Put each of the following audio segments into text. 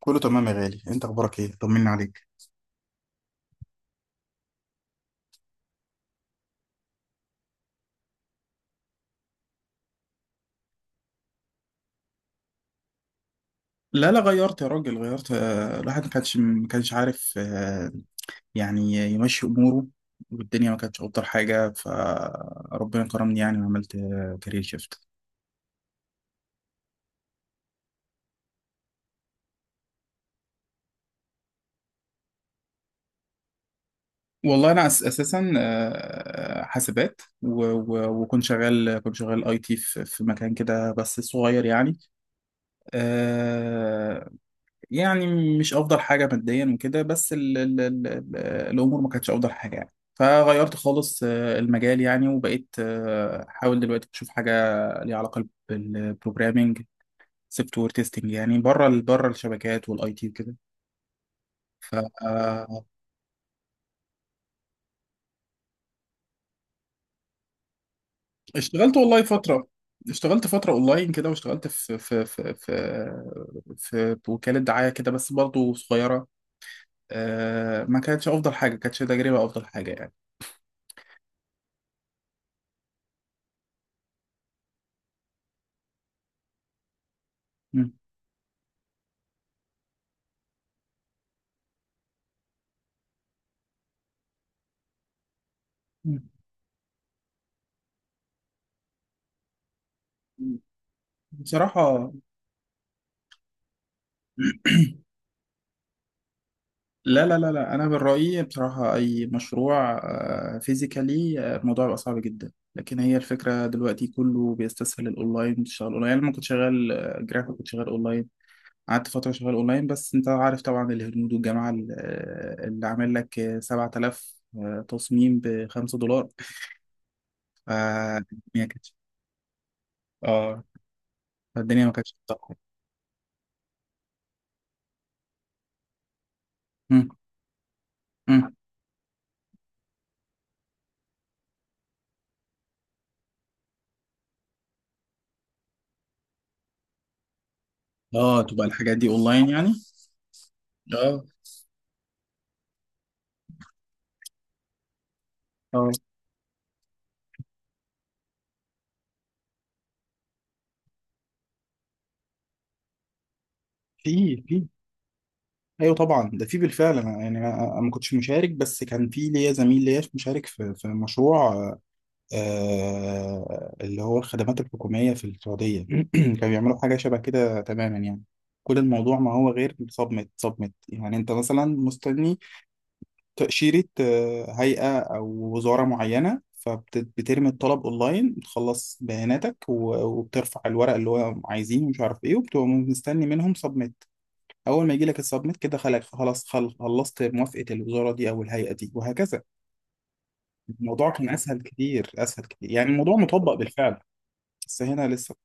كله تمام يا غالي، انت اخبارك ايه؟ طمني عليك. لا، لا، غيرت يا راجل، غيرت، الواحد ما كانش عارف، يعني يمشي اموره. والدنيا ما كانتش افضل حاجه، فربنا كرمني يعني، وعملت كارير شيفت. والله انا اساسا حاسبات، وكنت شغال، كنت شغال اي تي في مكان كده بس صغير يعني. آه، يعني مش افضل حاجه ماديا وكده، بس ال ال ال ال الامور ما كانتش افضل حاجه يعني، فغيرت خالص المجال يعني، وبقيت احاول دلوقتي اشوف حاجه ليها علاقه بالبروجرامينج، سوفت وير تيستنج، يعني بره بره الشبكات والاي تي وكده. فاشتغلت. والله فتره اشتغلت فتره اونلاين كده، واشتغلت في وكاله دعايه كده بس برضه صغيره. ما كانتش افضل حاجه، كانتش تجربه افضل حاجه يعني. م. م. بصراحة. لا، لا، لا، لا، أنا من رأيي بصراحة أي مشروع فيزيكالي الموضوع بيبقى صعب جدا، لكن هي الفكرة دلوقتي كله بيستسهل الأونلاين، تشتغل أونلاين. أنا لما كنت شغال جرافيك كنت شغال أونلاين، قعدت فترة شغال أونلاين. بس أنت عارف طبعا الهنود والجماعة اللي عامل لك 7000 تصميم ب $5. فالدنيا كانت اه فالدنيا ما كانتش بتاعتك. اه، تبقى الحاجات دي أونلاين يعني. اه، اه، في في ايوه طبعا ده في بالفعل. انا يعني أنا ما كنتش مشارك، بس كان في ليا زميل ليا مشارك في مشروع، اللي هو الخدمات الحكوميه في السعوديه. كانوا بيعملوا حاجه شبه كده تماما يعني. كل الموضوع ما هو غير صدمة صدمة، يعني انت مثلا مستني تأشيرة هيئة او وزارة معينة، فبترمي الطلب اونلاين، بتخلص بياناتك وبترفع الورق اللي هو عايزينه ومش عارف ايه، وبتبقى مستني منهم صدمة. اول ما يجي لك السبميت كده، خلق خلاص، خلصت موافقه الوزاره دي او الهيئه دي وهكذا. الموضوع كان اسهل كتير اسهل كتير يعني، الموضوع مطبق بالفعل، بس هنا لسه.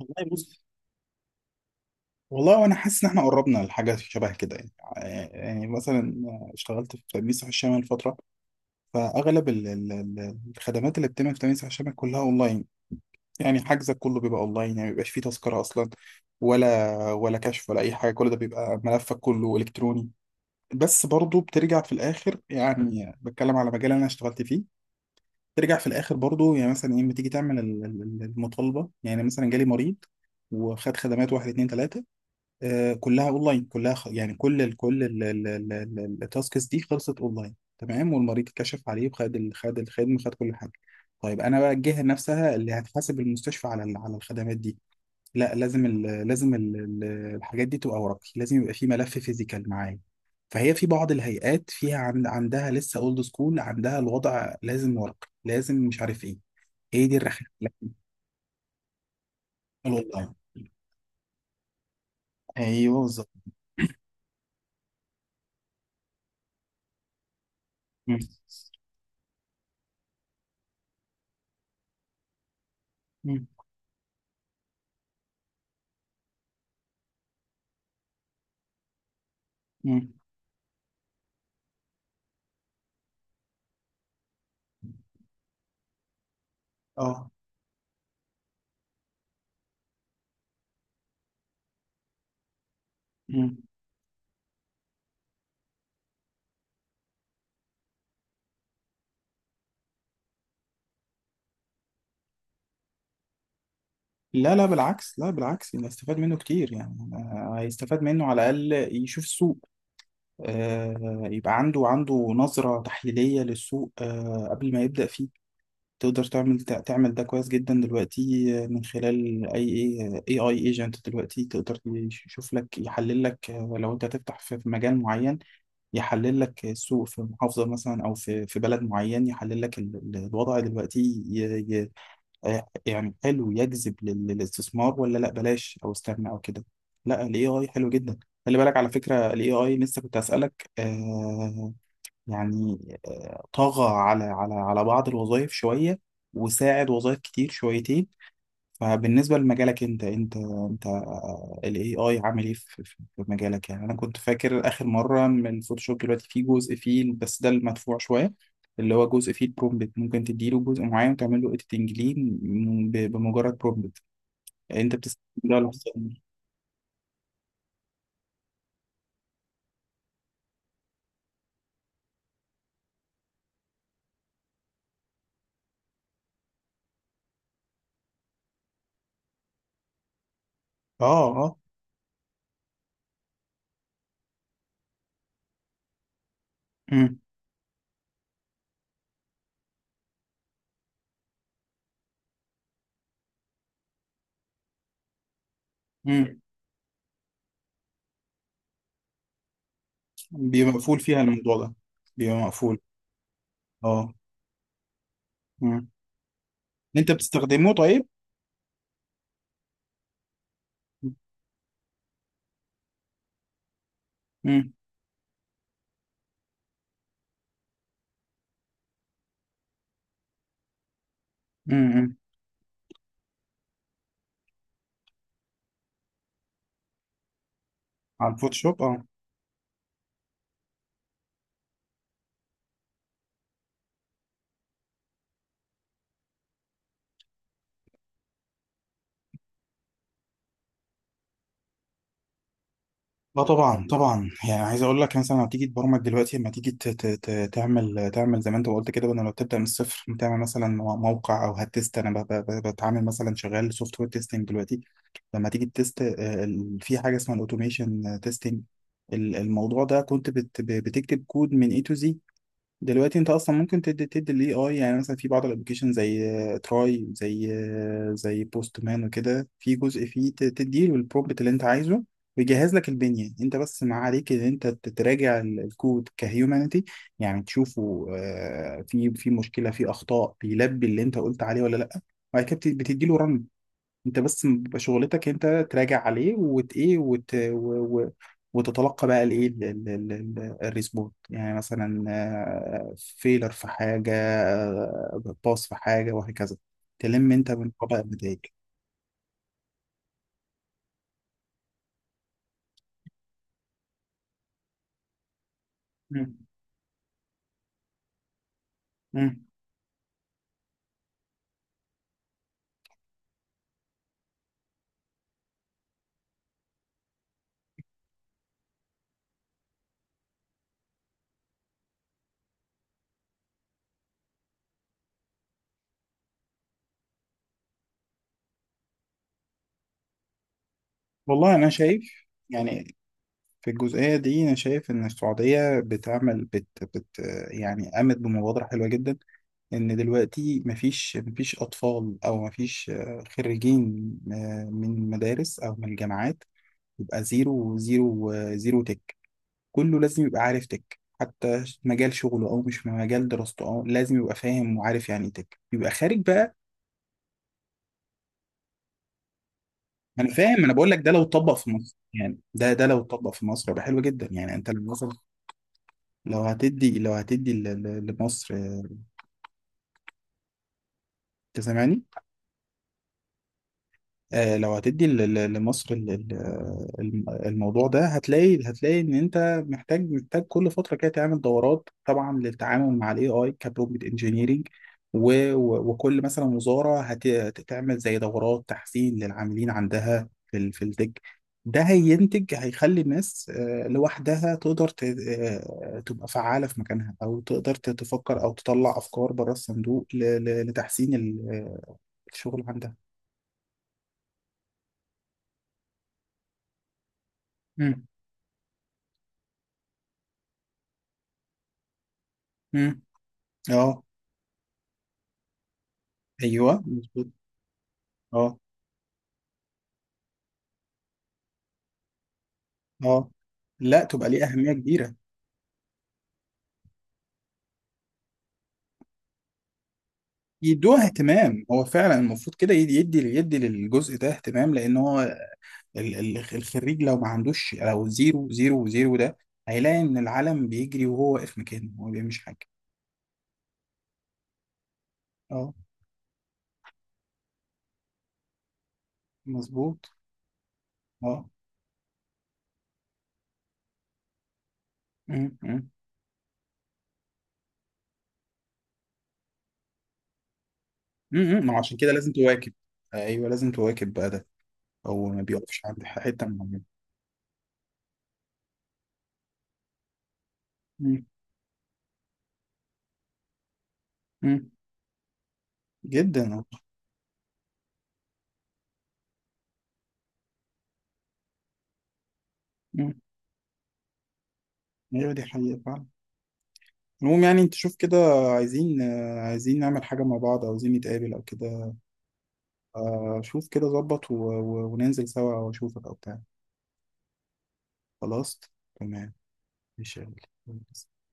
والله بص، والله وانا حاسس ان احنا قربنا لحاجه شبه كده يعني. يعني مثلا اشتغلت في تأمين صحي الشمال فتره، فاغلب الخدمات اللي بتتم في تأمين صحي الشمال كلها اونلاين، يعني حجزك كله بيبقى اونلاين، يعني ما بيبقاش فيه تذكره اصلا ولا كشف ولا اي حاجه، كل ده بيبقى ملفك كله الكتروني. بس برضو بترجع في الاخر يعني، بتكلم على مجال انا اشتغلت فيه، ترجع في الاخر برضو يعني. مثلا ايه، بتيجي تعمل المطالبه، يعني مثلا جالي مريض وخد خدمات واحد اتنين تلاته، كلها اونلاين، كلها، يعني كل التاسكس دي خلصت اونلاين تمام، والمريض اتكشف عليه وخد خد الخدمه، خد كل حاجه. طيب انا بقى الجهه نفسها اللي هتحاسب المستشفى على على الخدمات دي، لا لازم الحاجات دي تبقى ورقي، لازم يبقى في ملف فيزيكال معايا. فهي في بعض الهيئات فيها عندها لسه اولد سكول، عندها الوضع لازم ورقي، لازم مش عارف ايه. هي دي الرخامه، لا. الاونلاين، ايوه بالظبط. مم. مم. مم. اه. مم. لا، لا بالعكس، لا بالعكس، يبقى استفاد منه كتير يعني. هيستفاد منه على الأقل يشوف السوق، يبقى عنده نظرة تحليلية للسوق، قبل ما يبدأ فيه. تقدر تعمل، تعمل ده كويس جدا دلوقتي، من خلال اي اي ايجنت دلوقتي. تقدر يشوف لك، يحلل لك، لو انت هتفتح في مجال معين يحلل لك السوق في محافظة مثلا او في بلد معين، يحلل لك الوضع دلوقتي، ي- ي- يعني حلو يجذب للاستثمار ولا لا بلاش او استنى او كده. لا، الاي اي حلو جدا. خلي بالك على فكرة، الاي اي لسه كنت هسألك. يعني، طغى على بعض الوظائف شوية، وساعد وظائف كتير شويتين. فبالنسبة لمجالك انت ال AI عامل ايه في مجالك؟ يعني انا كنت فاكر اخر مرة ان الفوتوشوب دلوقتي فيه جزء فيه، بس ده المدفوع شوية، اللي هو جزء فيه البرومبت ممكن تديله جزء معين وتعمل له اديتنج ليه بمجرد برومبت. انت بتستخدم ده ولا بتستخدم ده؟ اه. اه. امم. امم. بيبقى مقفول فيها الموضوع ده، بيبقى مقفول. اه. انت بتستخدمه طيب؟ امم. امم. على الفوتوشوب. اه. اه، طبعا طبعا. يعني عايز اقول لك، مثلا هتيجي تبرمج دلوقتي، لما تيجي تعمل زي ما انت قلت كده، بدل ما تبدا من الصفر تعمل مثلا موقع، او هتست. انا بتعامل مثلا، شغال سوفت وير تيستنج دلوقتي، لما تيجي تست، في حاجه اسمها الاوتوميشن تيستنج، الموضوع ده كنت بتكتب كود من A to Z. دلوقتي انت اصلا ممكن تدي الاي اي، يعني مثلا في بعض الابلكيشن زي تراي، زي بوست مان وكده، في جزء فيه تديله البرومبت اللي انت عايزه، ويجهز لك البنيه. انت بس ما عليك ان انت تراجع الكود كهيومانيتي، يعني تشوفه، في مشكله، في اخطاء، بيلبي اللي انت قلت عليه ولا لا، وبعد كده بتديله رن. انت بس بيبقى شغلتك انت تراجع عليه، وت ايه وت و... و... وتتلقى بقى الايه ال- ال- ال- ال- الريسبوت، يعني مثلا فيلر في حاجه، باص في حاجه وهكذا، تلم انت من قبل النتائج. مم. مم. والله انا شايف يعني في الجزئيه دي، انا شايف ان السعوديه بتعمل، بت بت يعني قامت بمبادره حلوه جدا. ان دلوقتي مفيش، اطفال او مفيش خريجين من مدارس او من الجامعات يبقى زيرو زيرو، زيرو تك. كله لازم يبقى عارف تك، حتى مجال شغله او مش مجال دراسته، او لازم يبقى فاهم وعارف يعني إيه تك، يبقى خارج بقى. انا فاهم، انا بقول لك ده لو اتطبق في مصر، يعني ده لو اتطبق في مصر يبقى حلو جدا يعني. انت لو مثلا، لو هتدي، لمصر، أنت سامعني؟ لو هتدي لمصر الموضوع ده، هتلاقي، ان انت محتاج، كل فتره كده تعمل دورات طبعا للتعامل مع الاي اي كبرومبت انجينيرنج. وكل مثلا وزاره هتعمل زي دورات تحسين للعاملين عندها في التك. ده هينتج، هيخلي الناس لوحدها تقدر، تبقى فعالة في مكانها، أو تقدر تفكر، أو تطلع أفكار بره الصندوق لتحسين الشغل عندها. مم. اه، ايوه مظبوط. اه. اه، لا، تبقى ليه اهميه كبيره. يدوها اهتمام، هو فعلا المفروض كده يدي، للجزء ده اهتمام، لان هو الخريج لو ما عندوش، لو زيرو زيرو زيرو ده، هيلاقي ان العالم بيجري وهو واقف مكانه، هو ما بيعملش حاجه. اه مظبوط. اه. أمم، أمم، أمم. ما هو عشان كده لازم تواكب. ايوه لازم تواكب بقى ده، هو ما بيقفش عند حته معينه. أمم، أمم. جدا. أمم. ايوه دي حقيقه فعلا. المهم يعني انت شوف كده، عايزين نعمل حاجة مع بعض، أو عايزين نتقابل أو كده. شوف كده ظبط، وننزل سوا أو أشوفك أو بتاع. خلاص. تمام. إن شاء الله.